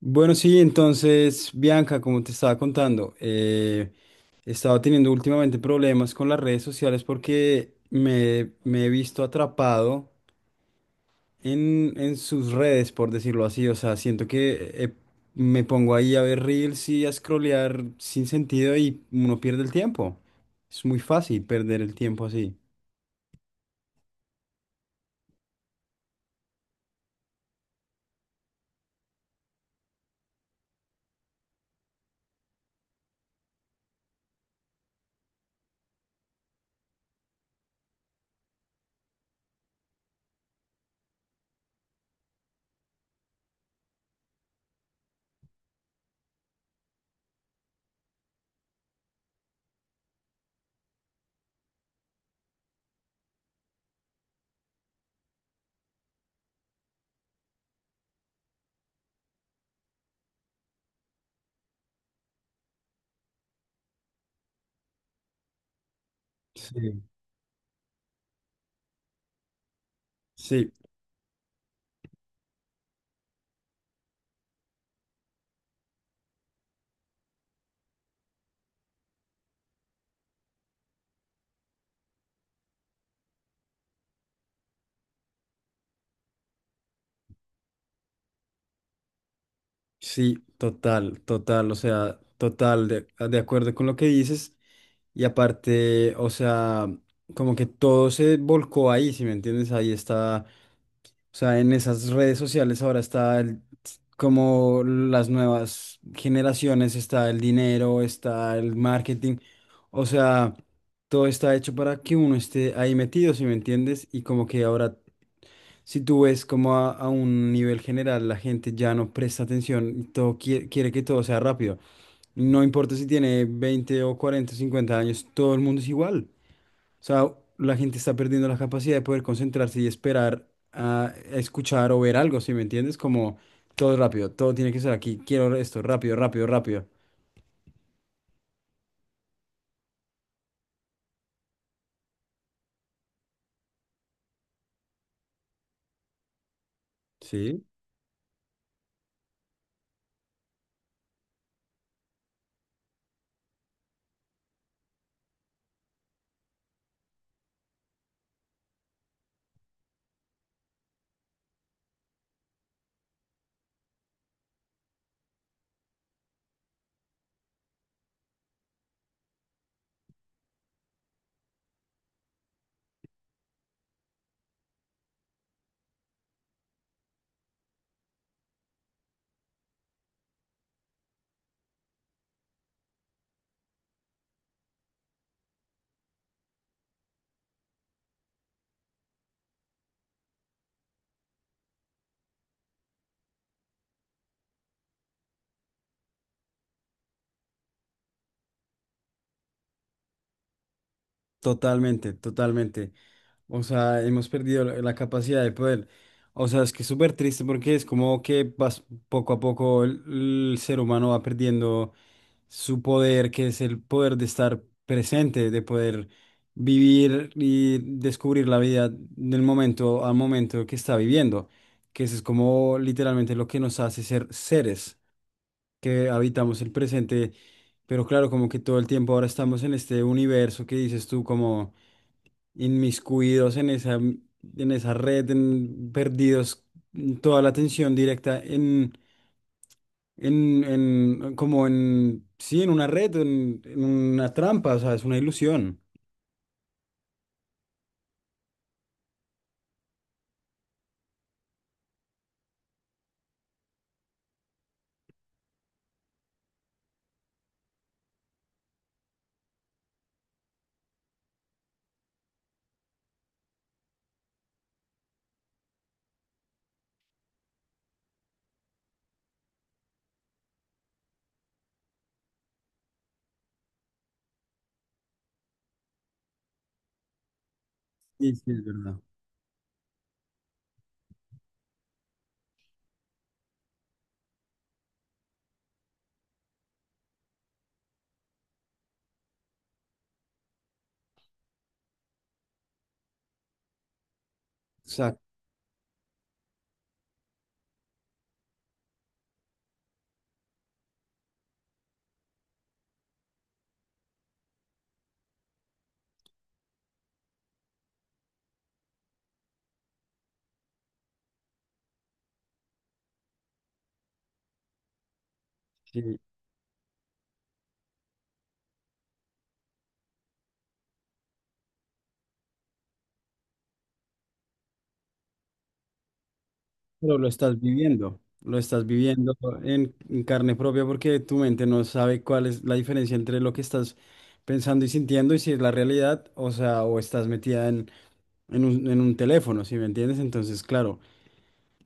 Bueno, sí, entonces, Bianca, como te estaba contando, he estado teniendo últimamente problemas con las redes sociales porque me he visto atrapado en sus redes, por decirlo así. O sea, siento que me pongo ahí a ver reels y a scrollear sin sentido y uno pierde el tiempo. Es muy fácil perder el tiempo así. Sí. Sí. Sí, total, total, o sea, total, de acuerdo con lo que dices. Y aparte, o sea, como que todo se volcó ahí, si me entiendes, ahí está, o sea, en esas redes sociales ahora como las nuevas generaciones, está el dinero, está el marketing, o sea, todo está hecho para que uno esté ahí metido, si me entiendes, y como que ahora si tú ves como a un nivel general la gente ya no presta atención y todo quiere que todo sea rápido. No importa si tiene 20 o 40 o 50 años, todo el mundo es igual. O sea, la gente está perdiendo la capacidad de poder concentrarse y esperar a escuchar o ver algo, ¿sí me entiendes? Como todo es rápido, todo tiene que ser aquí, quiero esto, rápido, rápido, rápido. Sí, totalmente, totalmente. O sea, hemos perdido la capacidad de poder. O sea, es que es súper triste porque es como que poco a poco el ser humano va perdiendo su poder, que es el poder de estar presente, de poder vivir y descubrir la vida del momento al momento que está viviendo. Que eso es como literalmente lo que nos hace ser seres, que habitamos el presente. Pero claro, como que todo el tiempo ahora estamos en este universo que dices tú como inmiscuidos en esa red, perdidos, toda la atención directa como en, sí, en una red, en una trampa, o sea, es una ilusión. Sí, sí, es verdad. Exacto. Sí. Pero lo estás viviendo en carne propia porque tu mente no sabe cuál es la diferencia entre lo que estás pensando y sintiendo y si es la realidad, o sea, o estás metida en un teléfono, ¿si me entiendes? Entonces, claro.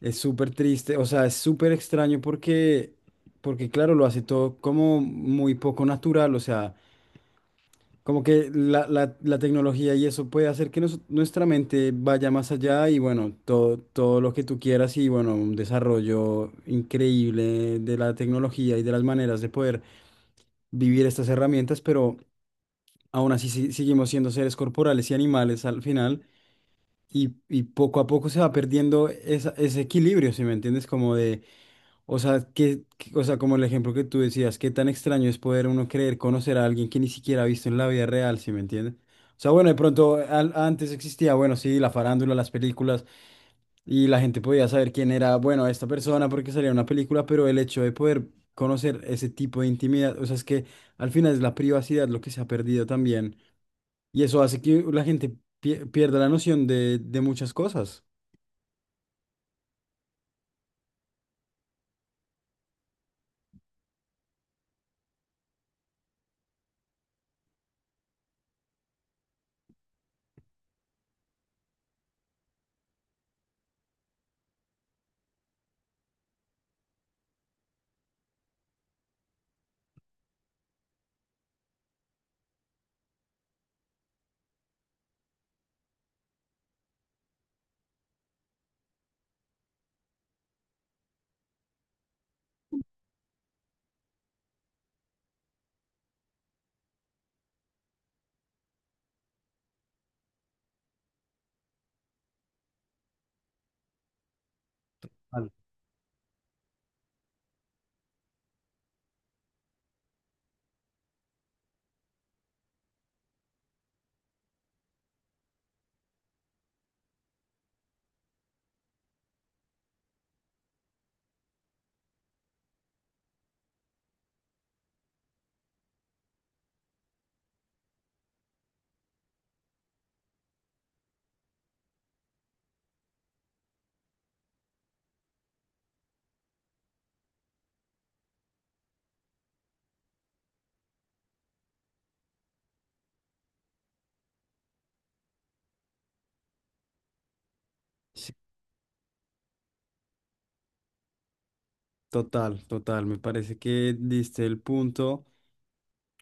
Es súper triste, o sea, es súper extraño porque, porque claro, lo hace todo como muy poco natural, o sea, como que la tecnología y eso puede hacer que nuestra mente vaya más allá y bueno, todo, todo lo que tú quieras y bueno, un desarrollo increíble de la tecnología y de las maneras de poder vivir estas herramientas, pero aún así seguimos siendo seres corporales y animales al final y poco a poco se va perdiendo ese equilibrio, ¿si me entiendes? Como de O sea, o sea, como el ejemplo que tú decías, qué tan extraño es poder uno creer conocer a alguien que ni siquiera ha visto en la vida real, ¿sí me entiendes? O sea, bueno, de pronto antes existía, bueno, sí, la farándula, las películas, y la gente podía saber quién era, bueno, esta persona porque salía una película, pero el hecho de poder conocer ese tipo de intimidad, o sea, es que al final es la privacidad lo que se ha perdido también, y eso hace que la gente pierda la noción de muchas cosas. Vale. Sí, total, total, me parece que diste el punto.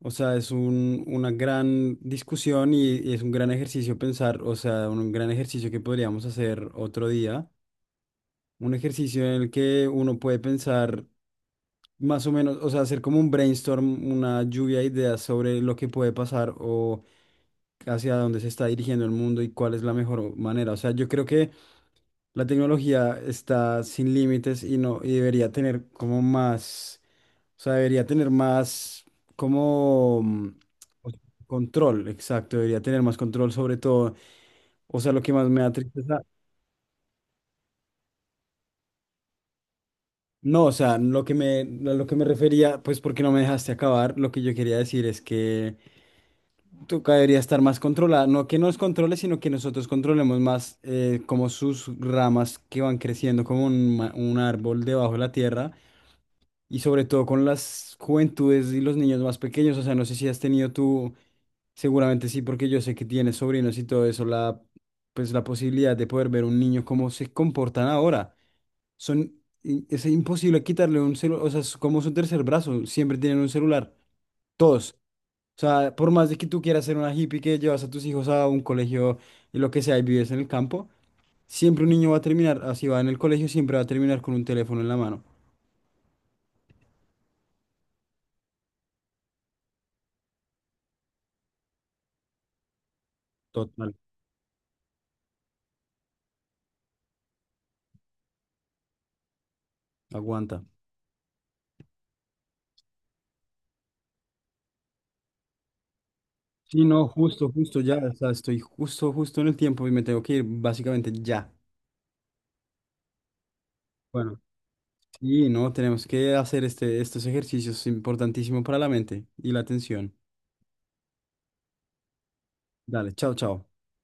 O sea, es una gran discusión y es un gran ejercicio pensar, o sea, un gran ejercicio que podríamos hacer otro día. Un ejercicio en el que uno puede pensar más o menos, o sea, hacer como un brainstorm, una lluvia de ideas sobre lo que puede pasar o hacia dónde se está dirigiendo el mundo y cuál es la mejor manera. O sea, yo creo que la tecnología está sin límites y no, y debería tener como más, o sea, debería tener más como control, exacto, debería tener más control sobre todo. O sea, lo que más me da tristeza, no, o sea, lo que me, a lo que me refería, pues porque no me dejaste acabar, lo que yo quería decir es que Tuca debería estar más controlada, no que nos controle, sino que nosotros controlemos más como sus ramas que van creciendo como un, un árbol debajo de la tierra y sobre todo con las juventudes y los niños más pequeños. O sea, no sé si has tenido tú, seguramente sí, porque yo sé que tienes sobrinos y todo eso, pues la posibilidad de poder ver un niño cómo se comportan ahora. Son, es imposible quitarle un celular, o sea, es como su tercer brazo, siempre tienen un celular, todos. O sea, por más de que tú quieras ser una hippie que llevas a tus hijos a un colegio y lo que sea y vives en el campo, siempre un niño va a terminar, así va en el colegio, siempre va a terminar con un teléfono en la mano. Total. Aguanta. Sí, no, justo, justo ya, o sea, estoy justo, justo en el tiempo y me tengo que ir básicamente ya. Bueno, sí, no, tenemos que hacer estos ejercicios importantísimos para la mente y la atención. Dale, chao, chao.